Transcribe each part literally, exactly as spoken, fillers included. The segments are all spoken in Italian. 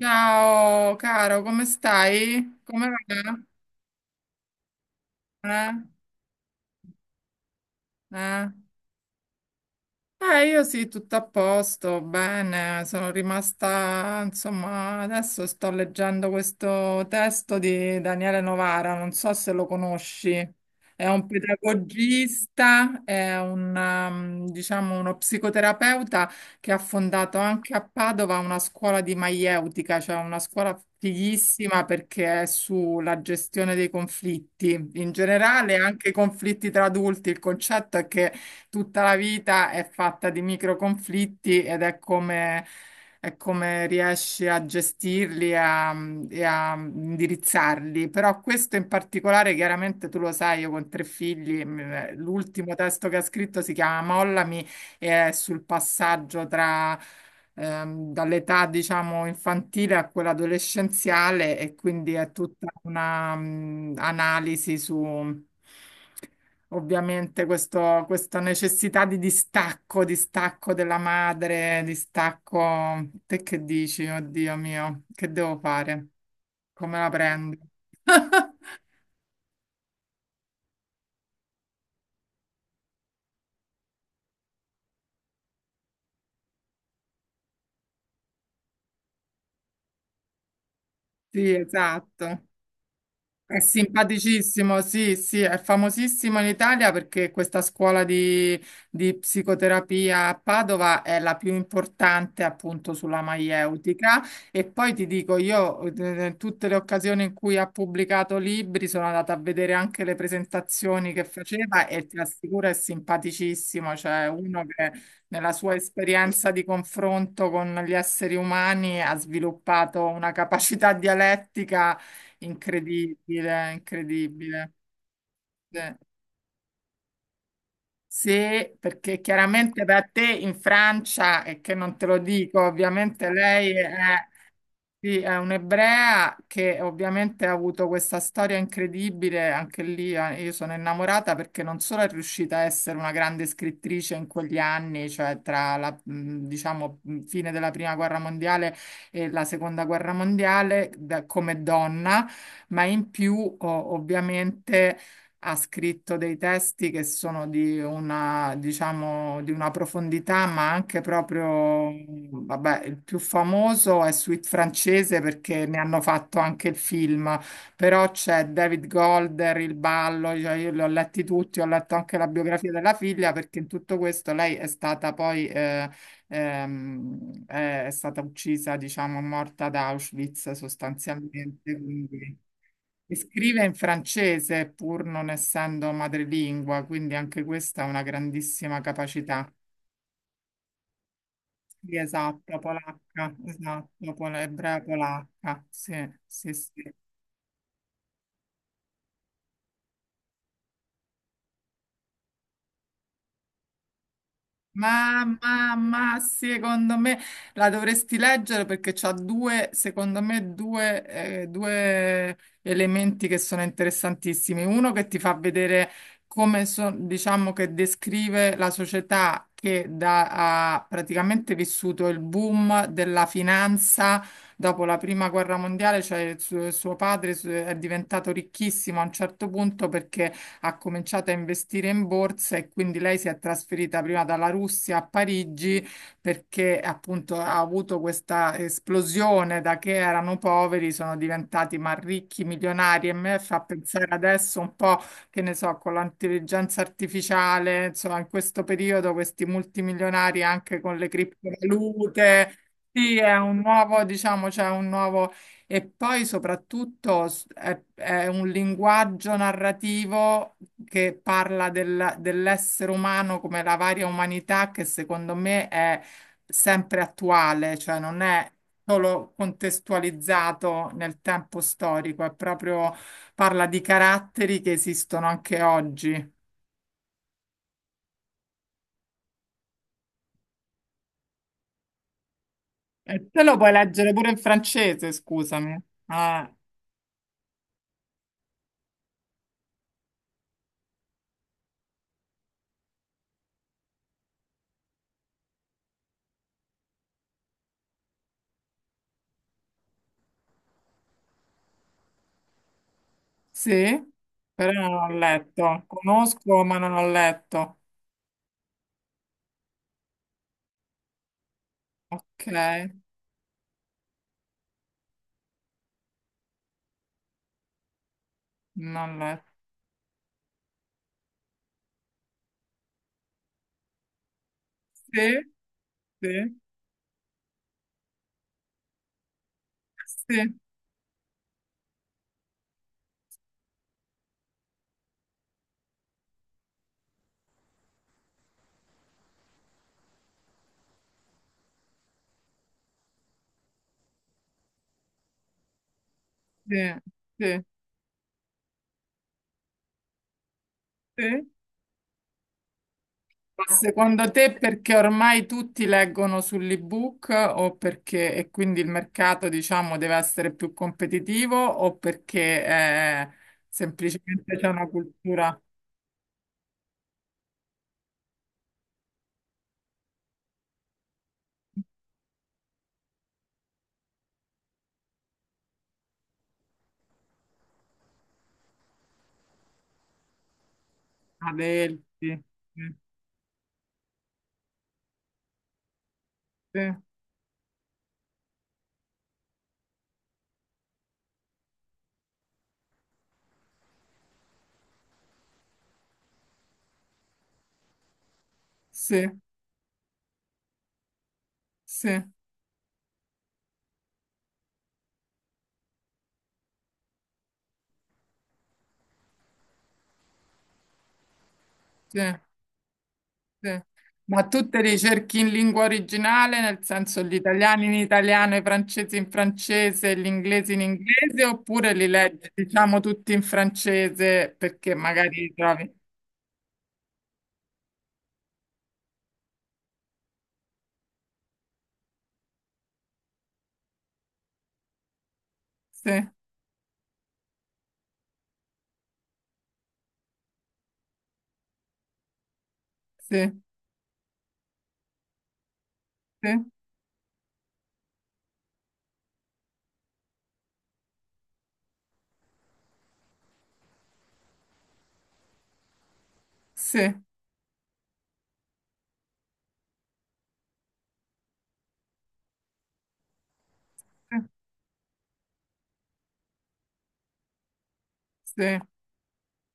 Ciao caro, come stai? Come va? Eh? Eh? Eh, io sì, tutto a posto, bene, sono rimasta, insomma, adesso sto leggendo questo testo di Daniele Novara, non so se lo conosci. È un pedagogista, è un, ehm, diciamo, uno psicoterapeuta che ha fondato anche a Padova una scuola di maieutica, cioè una scuola fighissima perché è sulla gestione dei conflitti, in generale anche i conflitti tra adulti. Il concetto è che tutta la vita è fatta di micro conflitti ed è come, è come riesci a gestirli e a, e a indirizzarli. Però questo in particolare, chiaramente tu lo sai, io con tre figli, mh, l'ultimo testo che ha scritto si chiama Mollami e è sul passaggio tra ehm, dall'età, diciamo, infantile a quella adolescenziale, e quindi è tutta una mm, analisi su, ovviamente questo- questa necessità di distacco, distacco della madre, distacco. Te che dici? Oddio mio, che devo fare? Come la prendo? Sì, esatto. È simpaticissimo, sì, sì, è famosissimo in Italia perché questa scuola di, di psicoterapia a Padova è la più importante appunto sulla maieutica. E poi ti dico, io eh, tutte le occasioni in cui ha pubblicato libri sono andata a vedere anche le presentazioni che faceva, e ti assicuro è simpaticissimo, cioè uno che nella sua esperienza di confronto con gli esseri umani ha sviluppato una capacità dialettica incredibile, incredibile. Sì, sì, perché chiaramente da te in Francia, e che non te lo dico, ovviamente lei è, sì, è un'ebrea che ovviamente ha avuto questa storia incredibile. Anche lì eh, io sono innamorata perché non solo è riuscita a essere una grande scrittrice in quegli anni, cioè tra la, mh, diciamo, mh, fine della Prima Guerra Mondiale e la Seconda Guerra Mondiale, da- come donna, ma in più o- ovviamente ha scritto dei testi che sono di una, diciamo, di una profondità, ma anche proprio, vabbè, il più famoso è Suite francese perché ne hanno fatto anche il film, però c'è David Golder, Il ballo, cioè io li ho letti tutti. Ho letto anche la biografia della figlia perché in tutto questo lei è stata poi, eh, ehm, è è stata uccisa, diciamo, morta ad Auschwitz sostanzialmente, quindi. E scrive in francese pur non essendo madrelingua, quindi anche questa è una grandissima capacità. Sì, esatto, polacca, esatto, pol- ebrea polacca, sì, sì, sì. Ma, ma, ma, secondo me la dovresti leggere perché c'ha due, secondo me, due, eh, due elementi che sono interessantissimi. Uno, che ti fa vedere come, so- diciamo, che descrive la società che da- ha praticamente vissuto il boom della finanza dopo la prima guerra mondiale, cioè il suo, suo padre su- è diventato ricchissimo a un certo punto perché ha cominciato a investire in borsa, e quindi lei si è trasferita prima dalla Russia a Parigi perché appunto ha avuto questa esplosione: da che erano poveri, sono diventati ma ricchi, milionari, e me fa pensare adesso un po', che ne so, con l'intelligenza artificiale, insomma, in questo periodo questi multimilionari anche con le criptovalute. Sì, è un nuovo, diciamo, c'è un nuovo. E poi soprattutto s- è, è un linguaggio narrativo che parla del- dell'essere umano, come la varia umanità che secondo me è sempre attuale, cioè non è solo contestualizzato nel tempo storico, è proprio, parla di caratteri che esistono anche oggi. E te lo puoi leggere pure in francese, scusami. Ah, sì, però non l'ho letto. Conosco, ma non l'ho letto. Ok, non l'ho. Sì, sì, sì, sì, sì, sì. Ma secondo te perché ormai tutti leggono sull'ebook, o perché e quindi il mercato, diciamo, deve essere più competitivo, o perché eh, semplicemente c'è una cultura adelti? Sì, sì, sì, sì, sì. Sì. Ma tu te li cerchi in lingua originale, nel senso gli italiani in italiano, i francesi in francese, gli inglesi in inglese, oppure li leggi, diciamo, tutti in francese perché magari li trovi? Sì, sì, sì, sì, sì, sì.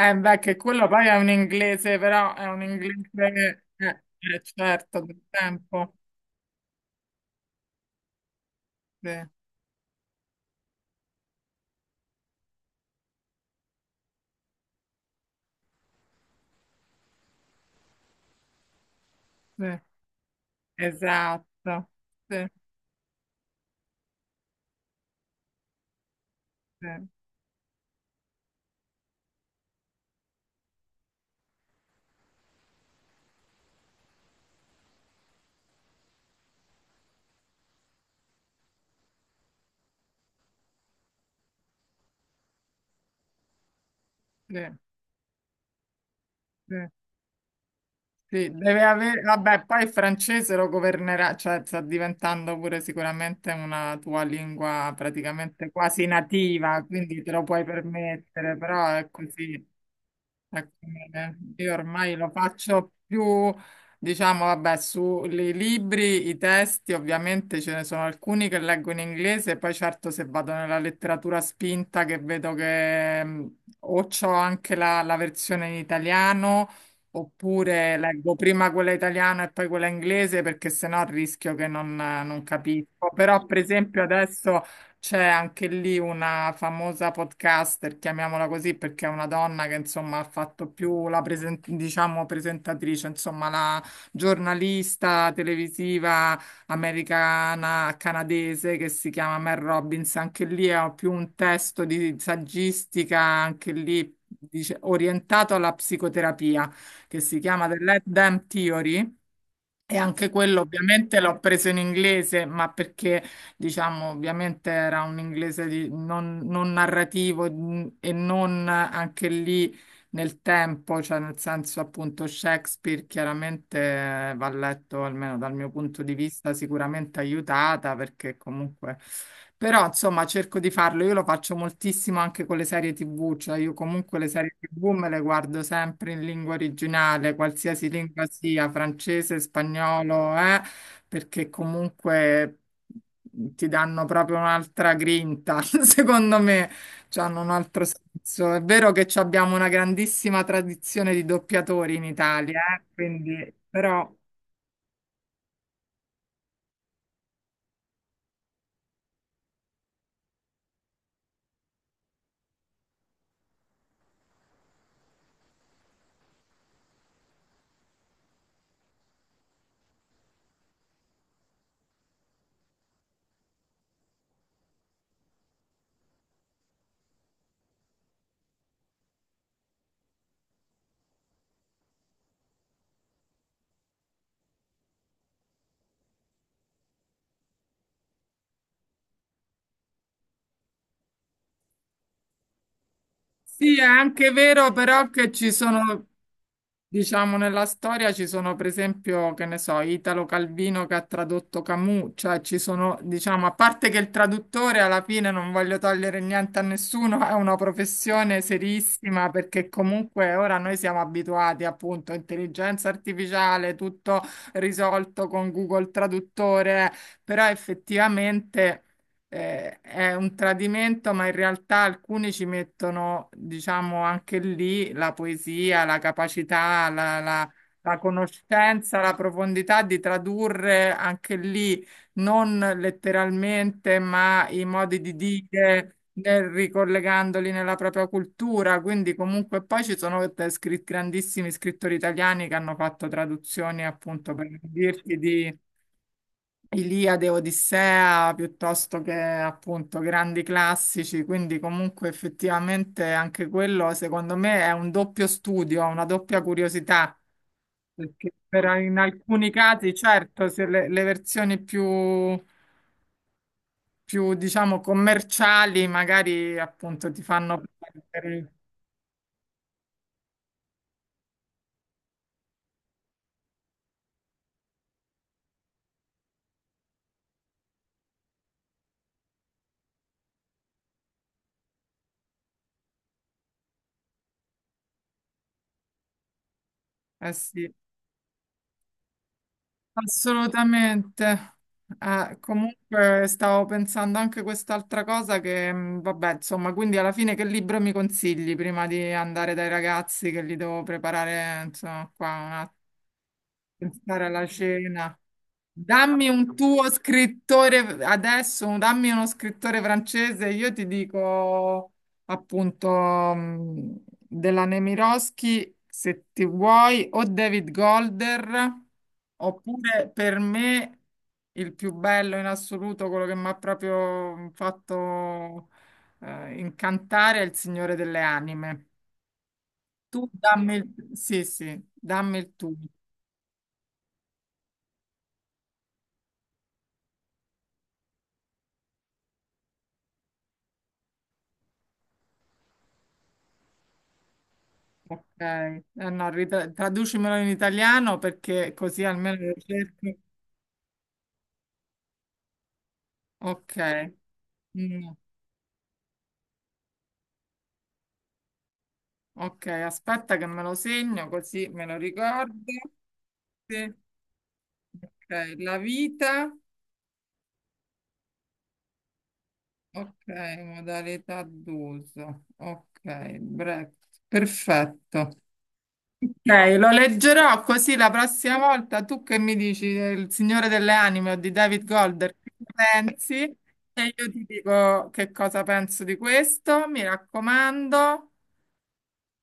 Eh beh, che quello poi è un inglese, però è un inglese, eh, eh, certo, del tempo. Sì, sì, esatto. Sì, sì, sì, sì. Sì, deve avere, vabbè, poi il francese lo governerà, cioè sta diventando pure sicuramente una tua lingua praticamente quasi nativa, quindi te lo puoi permettere, però è così. Ecco, eh, io ormai lo faccio più, diciamo, vabbè, sui libri, i testi. Ovviamente ce ne sono alcuni che leggo in inglese, poi certo se vado nella letteratura spinta che vedo che mh, o c'ho anche la, la versione in italiano, oppure leggo prima quella italiana e poi quella inglese, perché sennò rischio che non non capisco. Però, per esempio, adesso. C'è anche lì una famosa podcaster, chiamiamola così, perché è una donna che insomma ha fatto più la presen- diciamo presentatrice, insomma la giornalista televisiva americana canadese che si chiama Mel Robbins. Anche lì è più un testo di saggistica, anche lì dice, orientato alla psicoterapia, che si chiama The Let Them Theory, e anche quello ovviamente l'ho preso in inglese, ma perché diciamo ovviamente era un inglese di- non, non narrativo, mm, e non eh, anche lì nel tempo, cioè nel senso appunto Shakespeare chiaramente eh, va letto, almeno dal mio punto di vista, sicuramente aiutata perché comunque. Però insomma cerco di farlo, io lo faccio moltissimo anche con le serie T V, cioè io comunque le serie T V me le guardo sempre in lingua originale, qualsiasi lingua sia, francese, spagnolo, eh, perché comunque ti danno proprio un'altra grinta, secondo me. Cioè, hanno un altro senso. È vero che ci abbiamo una grandissima tradizione di doppiatori in Italia, eh, Quindi, però, sì, è anche vero però che ci sono, diciamo, nella storia ci sono, per esempio, che ne so, Italo Calvino, che ha tradotto Camus, cioè ci sono, diciamo, a parte che il traduttore alla fine, non voglio togliere niente a nessuno, è una professione serissima, perché comunque ora noi siamo abituati appunto a intelligenza artificiale, tutto risolto con Google Traduttore, però effettivamente eh, è un tradimento, ma in realtà alcuni ci mettono, diciamo, anche lì la poesia, la capacità, la, la- la conoscenza, la profondità di tradurre anche lì non letteralmente, ma i modi di dire. Nel- ricollegandoli nella propria cultura, quindi comunque poi ci sono te- scri- grandissimi scrittori italiani che hanno fatto traduzioni appunto, per dirti, Iliade, Odissea, piuttosto che appunto grandi classici, quindi comunque effettivamente anche quello secondo me è un doppio studio, una doppia curiosità, perché per- in alcuni casi certo se le, le versioni più, più diciamo commerciali magari appunto ti fanno perdere, eh sì. Assolutamente. Eh, comunque stavo pensando anche quest'altra cosa che, mh, vabbè, insomma, quindi alla fine che libro mi consigli, prima di andare dai ragazzi che li devo preparare, insomma, qua, un attimo, pensare alla cena? Dammi un tuo scrittore adesso, un- dammi uno scrittore francese, io ti dico appunto, mh, della Nemirovsky, se ti vuoi, o David Golder, oppure per me il più bello in assoluto, quello che mi ha proprio fatto eh, incantare, è Il Signore delle Anime. Tu dammi il, sì, sì, dammi il tuo. Ok, eh, no, rit- traducimelo in italiano perché così almeno lo cerco. Ok. Mm, ok, aspetta che me lo segno così me lo ricordo. Sì. Ok, la vita, ok, modalità d'uso, ok, break, perfetto. Ok, lo leggerò, così la prossima volta tu che mi dici del Signore delle Anime o di David Golder, che ne pensi? E io ti dico che cosa penso di questo. Mi raccomando,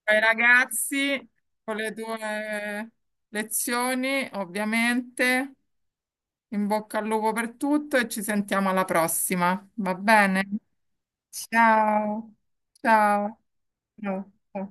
ai ragazzi, con le tue lezioni, ovviamente, in bocca al lupo per tutto, e ci sentiamo alla prossima, va bene? Ciao, ciao. Ciao. Ciao.